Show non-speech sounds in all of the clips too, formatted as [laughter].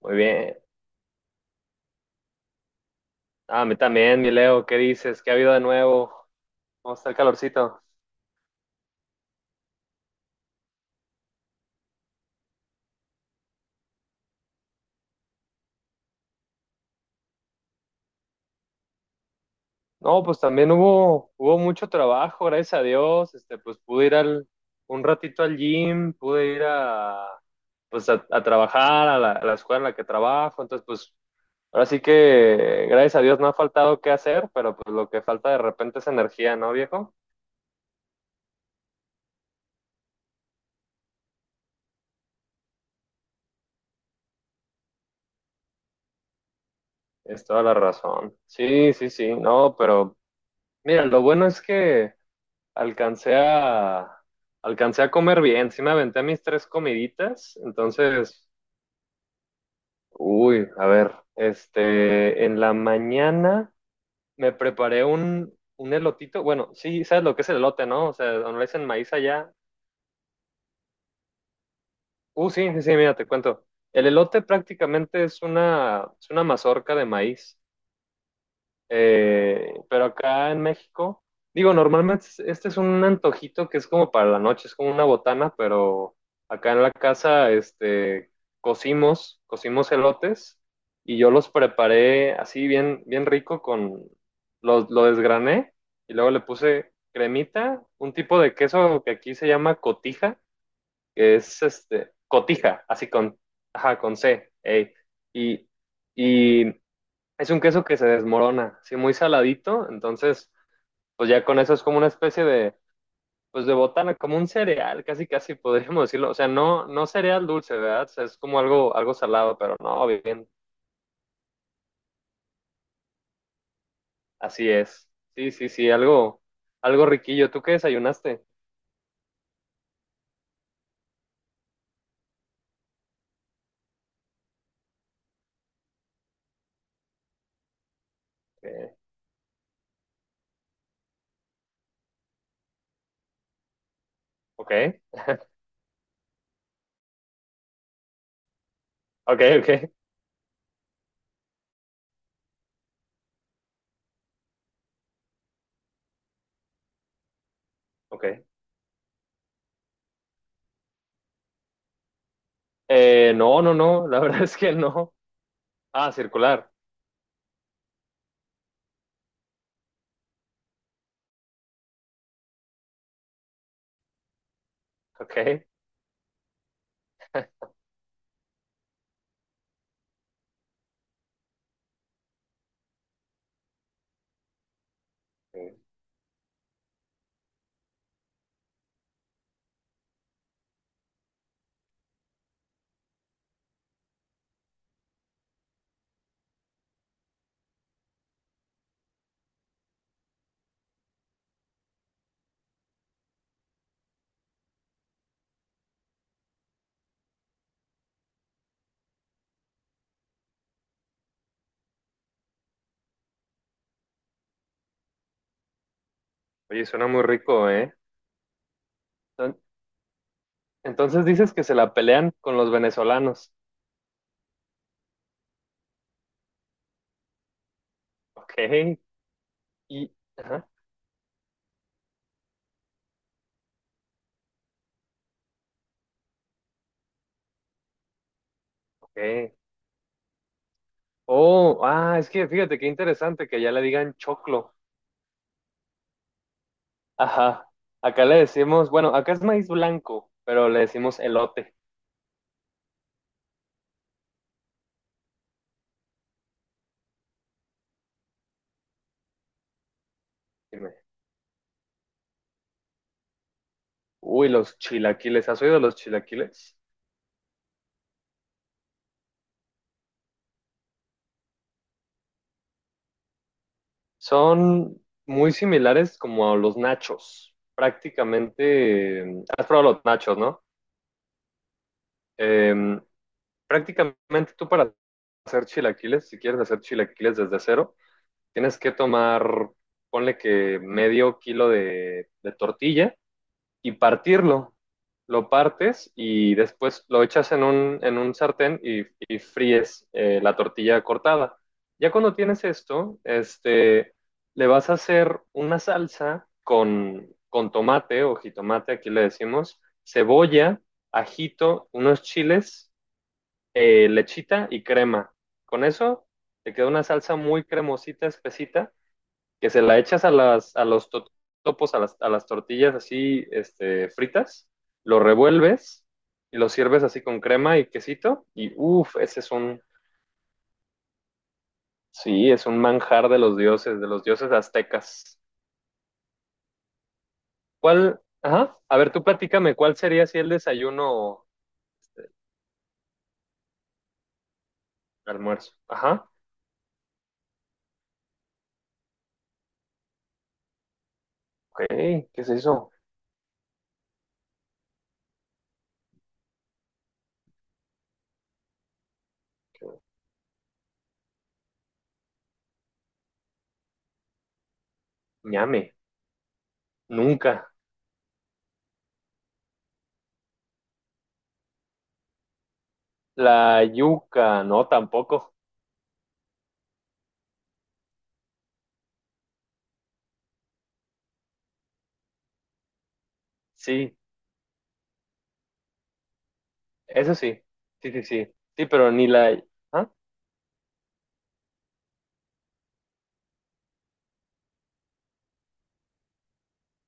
Muy bien. Ah, a mí también, mi Leo, ¿qué dices? ¿Qué ha habido de nuevo? ¿Cómo está el calorcito? No, pues también hubo mucho trabajo, gracias a Dios. Pues pude ir un ratito al gym, pude ir a trabajar, a la escuela en la que trabajo. Entonces, pues ahora sí que, gracias a Dios, no ha faltado qué hacer, pero pues lo que falta de repente es energía, ¿no, viejo? Es toda la razón. Sí, sí, sí, no, pero mira, lo bueno es que alcancé a, alcancé a comer bien, sí me aventé mis tres comiditas. Entonces, uy, a ver, en la mañana me preparé un elotito. Bueno, sí, sabes lo que es el elote, ¿no? O sea, donde le dicen maíz allá. Sí, sí, sí, mira, te cuento. El elote prácticamente es una mazorca de maíz. Pero acá en México, digo, normalmente este es un antojito que es como para la noche, es como una botana. Pero acá en la casa, cocimos elotes y yo los preparé así bien, bien rico con, los lo desgrané y luego le puse cremita, un tipo de queso que aquí se llama cotija, que es cotija, ajá, con C, ey. Y, y es un queso que se desmorona, sí, muy saladito. Entonces, pues ya con eso es como una especie pues de botana, como un cereal, casi casi podríamos decirlo, o sea, no, no cereal dulce, ¿verdad? O sea, es como algo, algo salado, pero no, bien, así es. Sí, sí, sí, algo, algo riquillo. ¿Tú qué desayunaste? Eh, ok, ok, ok, ok. No, no, no, la [laughs] verdad es que no. Ah, circular, ok. Eh, Oye, suena muy rico, ¿eh? Entonces dices que se la pelean con los venezolanos. Ok. Y, ajá, ok. Oh, ah, es que fíjate qué interesante que allá le digan choclo. Ajá. Acá le decimos, bueno, acá es maíz blanco, pero le decimos elote. Dime. Uy, los chilaquiles. ¿Has oído de los chilaquiles? Son muy similares como a los nachos. Prácticamente, has probado los nachos, ¿no? Eh, Prácticamente tú para hacer chilaquiles, si quieres hacer chilaquiles desde cero, tienes que tomar, ponle que medio kilo de tortilla y partirlo. Lo partes y después lo echas en un, sartén y fríes la tortilla cortada. Ya cuando tienes esto, le vas a hacer una salsa con tomate o jitomate, aquí le decimos, cebolla, ajito, unos chiles, lechita y crema. Con eso te queda una salsa muy cremosita, espesita, que se la echas a las tortillas así fritas, lo revuelves y lo sirves así con crema y quesito. Y uff, ese es un, sí, es un manjar de los dioses aztecas. ¿Cuál? Ajá. A ver, tú platícame, ¿cuál sería si el desayuno o almuerzo? Ajá. Ok, ¿qué es eso? Ñame, nunca. La yuca, no, tampoco. Sí, eso sí. Sí, sí, sí. Sí, pero ni la... ¿Ah?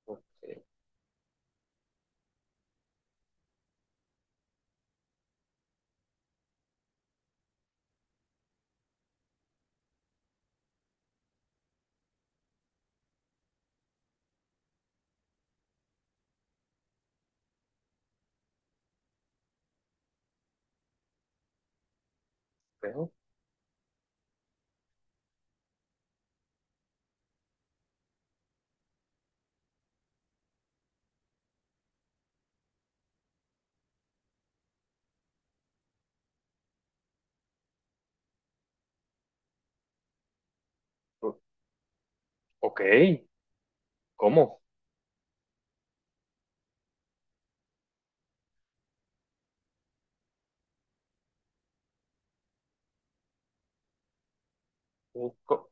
Ok. Pero, o- ok, ¿cómo? Uh, co-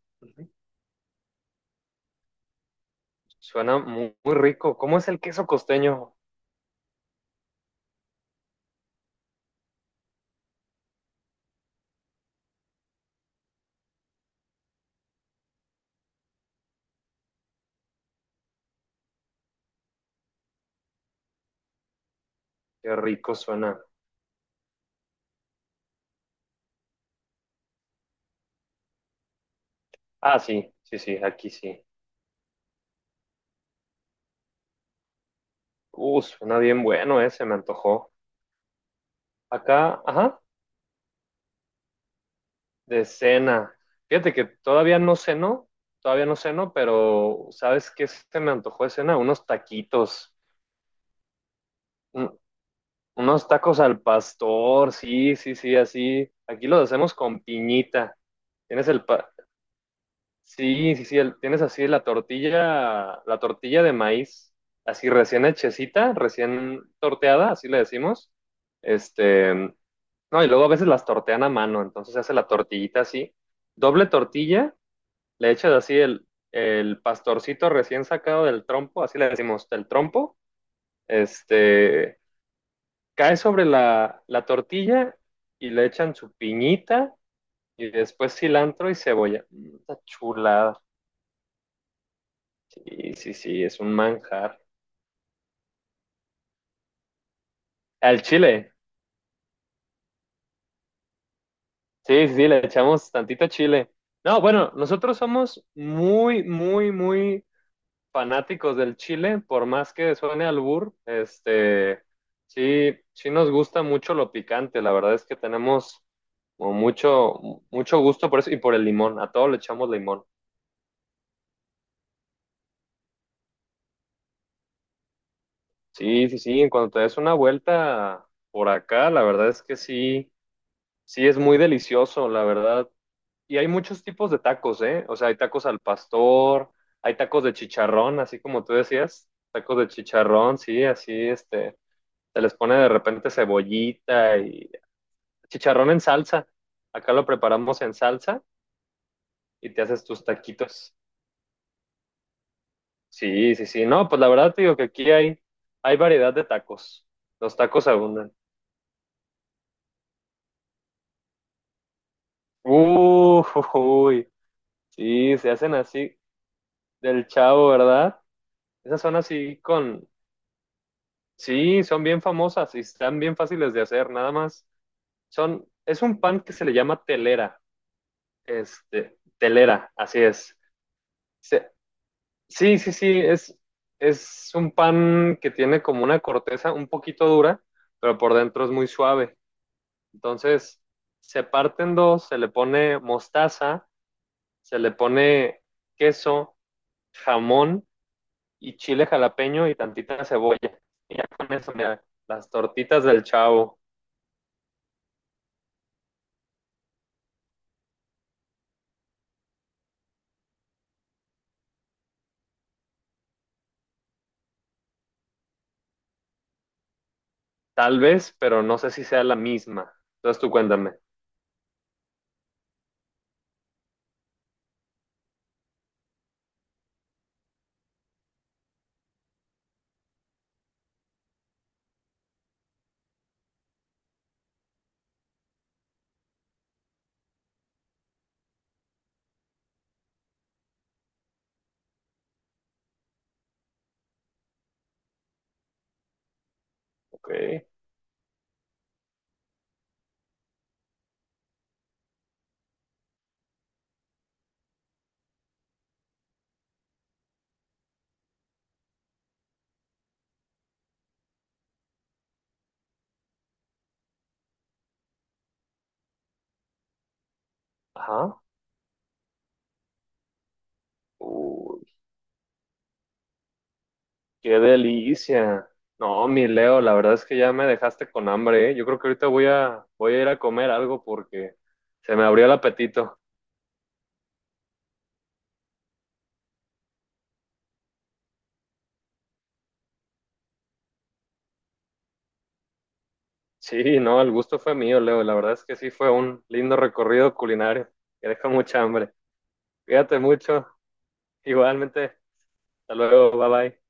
Suena muy rico. ¿Cómo es el queso costeño? Qué rico suena. Ah, sí, sí, sí, aquí sí. Suena bien bueno ese, me antojó. Acá, ajá, de cena. Fíjate que todavía no ceno, pero ¿sabes qué se me antojó de cena? Unos taquitos. Un- Unos tacos al pastor, sí, sí, sí, así. Aquí los hacemos con piñita. Tienes el, pa- Sí, sí, sí, tienes así la tortilla de maíz, así recién hechecita, recién torteada, así le decimos. Este, no, y luego a veces las tortean a mano. Entonces se hace la tortillita así, doble tortilla, le echas así el pastorcito recién sacado del trompo, así le decimos, del trompo, este, cae sobre la tortilla y le echan su piñita y después cilantro y cebolla. Está chulada. Sí, sí, sí, es un manjar. Al chile. Sí, sí, sí, le echamos tantito chile. No, bueno, nosotros somos muy, muy, muy fanáticos del chile, por más que suene albur, sí, sí nos gusta mucho lo picante. La verdad es que tenemos como mucho, mucho gusto por eso y por el limón. A todo le echamos limón. Sí, sí, sí. En cuanto te des una vuelta por acá, la verdad es que sí, sí es muy delicioso, la verdad. Y hay muchos tipos de tacos, ¿eh? O sea, hay tacos al pastor, hay tacos de chicharrón, así como tú decías, tacos de chicharrón, sí, así, se les pone de repente cebollita y chicharrón en salsa. Acá lo preparamos en salsa y te haces tus taquitos. Sí, sí, sí. No, pues la verdad te digo que aquí hay variedad de tacos. Los tacos abundan. Uh, Uy, sí, se hacen así del chavo, ¿verdad? Esas son así con, Sí, son bien famosas y están bien fáciles de hacer, nada más. Es un pan que se le llama telera, telera, así es. Se- sí, sí, sí, es un pan que tiene como una corteza un poquito dura, pero por dentro es muy suave. Entonces, se parte en dos, se le pone mostaza, se le pone queso, jamón y chile jalapeño y tantita cebolla. Y ya con eso, mira, las tortitas del chavo. Tal vez, pero no sé si sea la misma. Entonces tú cuéntame. Ok. Ajá. Uy, qué delicia. No, mi Leo, la verdad es que ya me dejaste con hambre, ¿eh? Yo creo que ahorita voy a ir a comer algo porque se me abrió el apetito. Sí, no, el gusto fue mío, Leo. La verdad es que sí fue un lindo recorrido culinario que deja mucha hambre. Cuídate mucho. Igualmente. Hasta luego. Bye bye.